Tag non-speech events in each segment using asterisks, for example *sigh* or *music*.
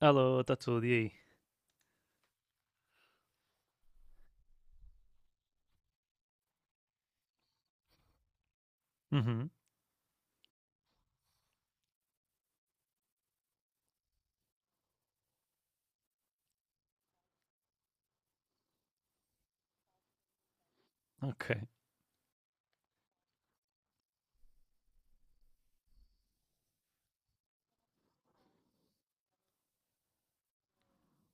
Alô, está tudo, e aí? Uhum, ok.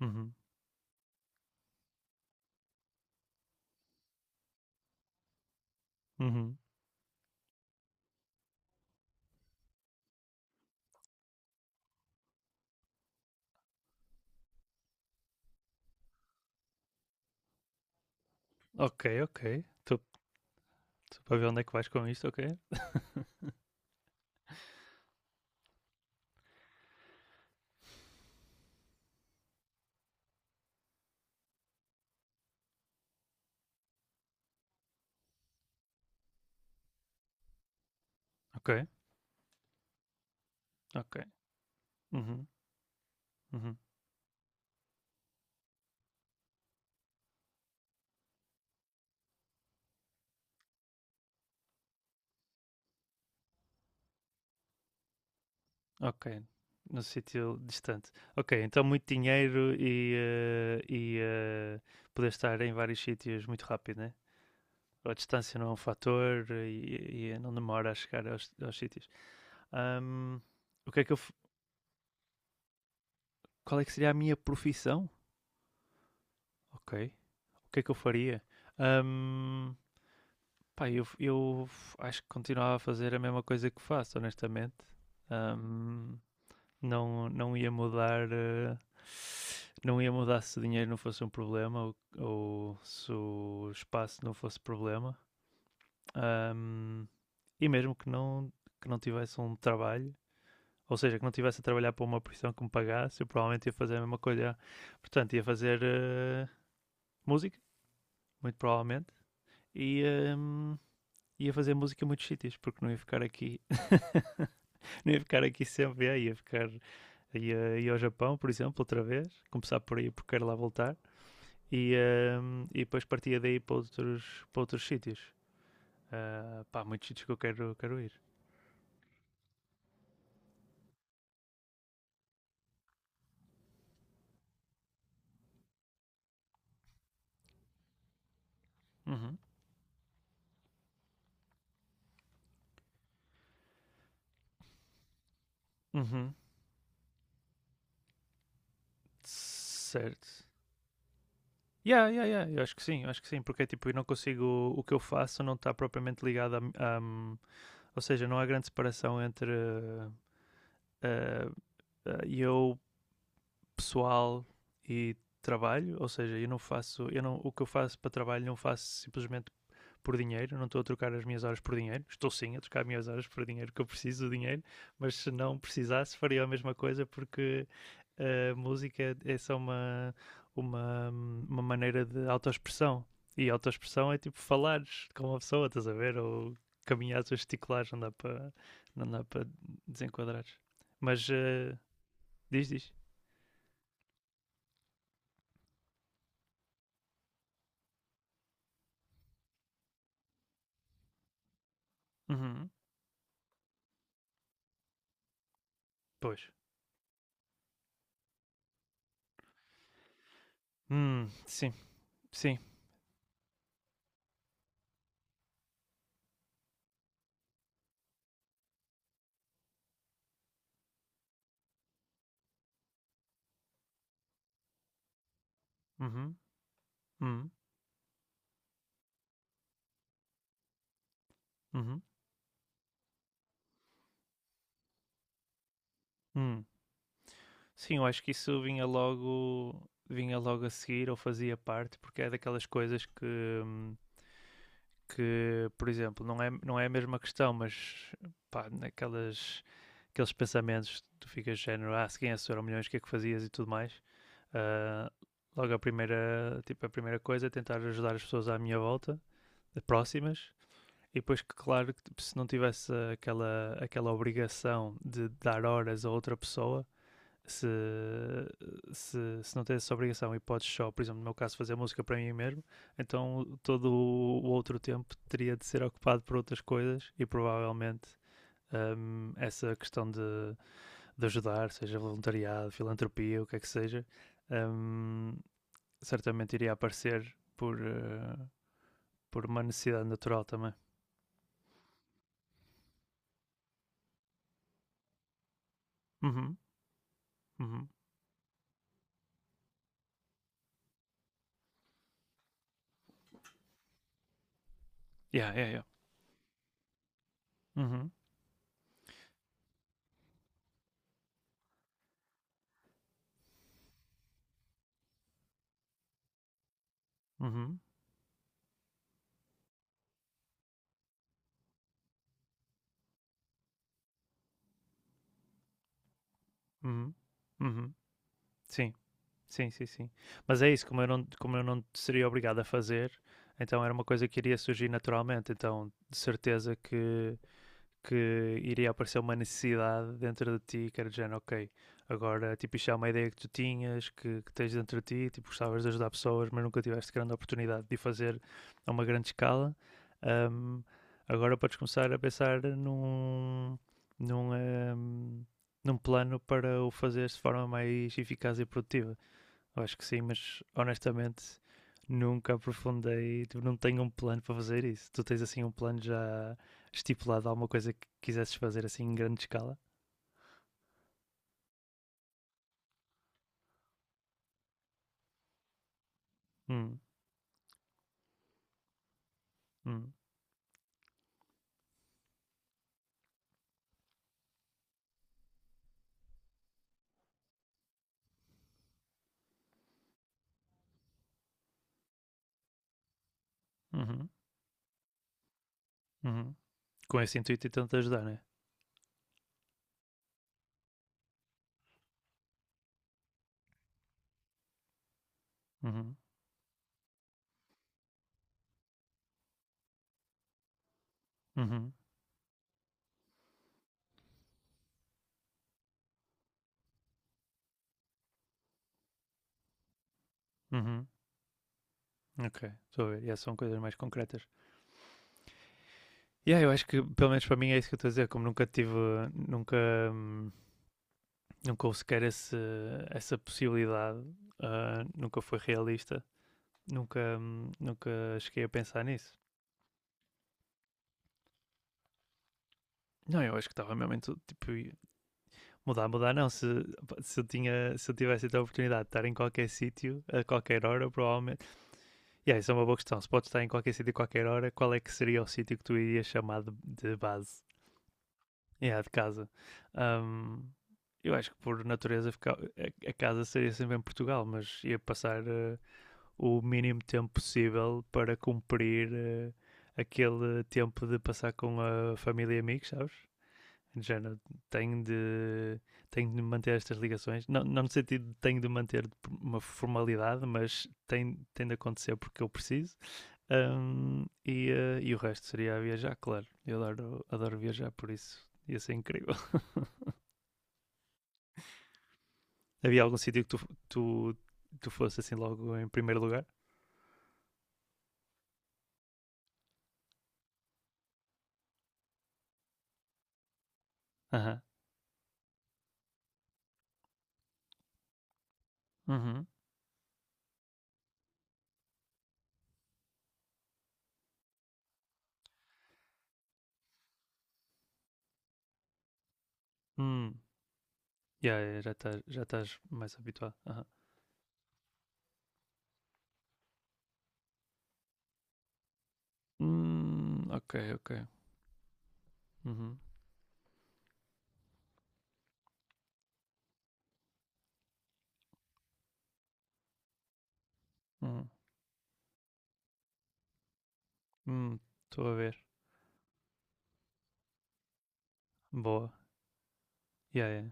Uhum, uhum. Ok, ok. Estou para ver onde é que vais com isto, ok? Ok, ok. Uhum, uhum. Ok. Num sítio distante. Ok, então muito dinheiro e, e, poder estar em vários sítios muito rápido, né? A distância não é um fator e não demora a chegar aos, aos sítios. Ahm, o que é que eu, qual é que seria a minha profissão? Ok. O que é que eu faria? Pá, eu acho que continuava a fazer a mesma coisa que faço, honestamente. Ahm, não ia mudar, não ia mudar se o dinheiro não fosse um problema ou se o espaço não fosse problema. Ahm, e mesmo que não tivesse um trabalho, ou seja, que não tivesse a trabalhar para uma profissão que me pagasse, eu provavelmente ia fazer a mesma coisa. Portanto, ia fazer música, muito provavelmente, e ia fazer música em muitos sítios, porque não ia ficar aqui sempre, ia ao Japão, por exemplo, outra vez, começar por aí porque quero lá voltar e, e depois partia daí para outros sítios. Ah, pá, muitos sítios que eu quero, quero ir. Uhum. Uhum. Certo. Yeah, yeah, yeah. Eu acho que sim, eu acho que sim, porque é tipo, eu não consigo. O que eu faço não está propriamente ligado a, a- hum, ou seja, não há grande separação entre. eh, eu pessoal e trabalho, ou seja, eu não faço, eu não, o que eu faço para trabalho não faço simplesmente por dinheiro, não estou a trocar as minhas horas por dinheiro, estou sim a trocar as minhas horas por dinheiro, porque eu preciso do dinheiro, mas se não precisasse faria a mesma coisa porque a música é só uma maneira de autoexpressão. E autoexpressão é tipo falares com uma pessoa, estás a ver? Ou caminhares ou gesticulares, não dá para não dá para desenquadrares. Mas diz, diz. Uhum, pois. Sim, sim. Uhum, uhum, uhum, hum. Sim, eu acho que isso vinha logo a seguir ou fazia parte, porque é daquelas coisas hum, que, por exemplo, não é, não é a mesma questão, mas pá, naquelas, aqueles pensamentos tu ficas de género, ah, se ganhasse milhões, o que é que fazias e tudo mais. Ah, logo a primeira, tipo, a primeira coisa é tentar ajudar as pessoas à minha volta, próximas. E depois, que, claro, tipo, se não tivesse aquela, aquela obrigação de dar horas a outra pessoa, se, se, se não tivesse essa obrigação e podes só, por exemplo, no meu caso, fazer música para mim mesmo, então todo o outro tempo teria de ser ocupado por outras coisas e provavelmente essa questão de ajudar, seja voluntariado, filantropia, o que é que seja, hum, certamente iria aparecer por uma necessidade natural também. Uhum, uhum. Yeah, yeah, yeah. Uhum, uhum, uhum, uhum. Sim, sim, sim, sim. Mas é isso, como eu não seria obrigado a fazer, então era uma coisa que iria surgir naturalmente. Então, de certeza que iria aparecer uma necessidade dentro de ti que era de género, ok, agora tipo isto é uma ideia que tu tinhas, que tens dentro de ti, tipo gostavas de ajudar pessoas, mas nunca tiveste grande oportunidade de fazer a uma grande escala. Um, agora podes começar a pensar num, um, num plano para o fazer de forma mais eficaz e produtiva. Eu acho que sim, mas honestamente nunca aprofundei, tipo, não tenho um plano para fazer isso. Tu tens assim um plano já estipulado, alguma coisa que quisesses fazer assim em grande escala? Hum, hum, uhum, uhum. Com esse intuito e tanto ajudar, né? Uhum, uhum, uhum. Ok, estou a ver. Yeah, são coisas mais concretas. Yeah, eu acho que pelo menos para mim é isso que eu estou a dizer. Como nunca tive, nunca, hum, nunca houve sequer esse, essa possibilidade, ah, nunca foi realista, nunca, nunca cheguei a pensar nisso. Não, eu acho que estava mesmo em tudo, tipo, mudar, mudar não, se, eu tinha, se eu tivesse a oportunidade de estar em qualquer sítio, a qualquer hora, provavelmente, e yeah, isso é uma boa questão, se podes estar em qualquer sítio, a qualquer hora, qual é que seria o sítio que tu irias chamar de base, yeah, de casa? Um, eu acho que por natureza a casa seria sempre em Portugal, mas ia passar o mínimo tempo possível para cumprir aquele tempo de passar com a família e amigos, sabes? De género, tenho de, tenho de manter estas ligações. Não, não no sentido de tenho de manter uma formalidade, mas tem, tem de acontecer porque eu preciso. E o resto seria viajar, claro. Eu adoro, adoro viajar, por isso ia ser incrível. *laughs* Havia algum sítio que tu, tu fosse assim logo em primeiro lugar? Aham. Uhum. Hum. Yeah, yeah, já estás mais habituado. Aham. Ok, ok. Uhum. Uhum. Hum, estou a ver. Boa. Yeah, yeah,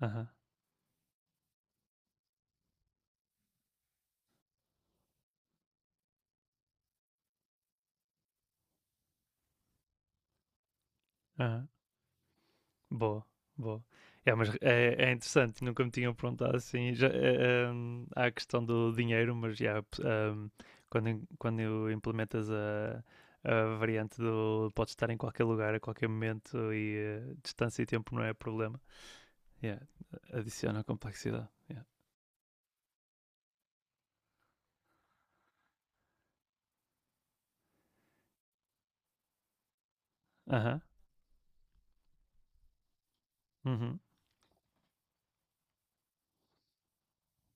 aham, aham. Boa, boa. É, mas é, é interessante, nunca me tinham perguntado assim. Já, há a questão do dinheiro, mas já, quando, quando implementas a variante do podes estar em qualquer lugar, a qualquer momento e distância e tempo não é problema. Yeah, adiciona complexidade. Yeah. Aham, uhum.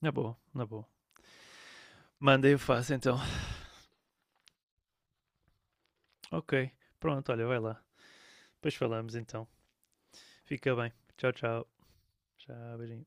Na boa, na boa. Manda e eu faço então. *laughs* Ok, pronto, olha, vai lá. Depois falamos então. Fica bem. Tchau, tchau. Tchau, beijinho.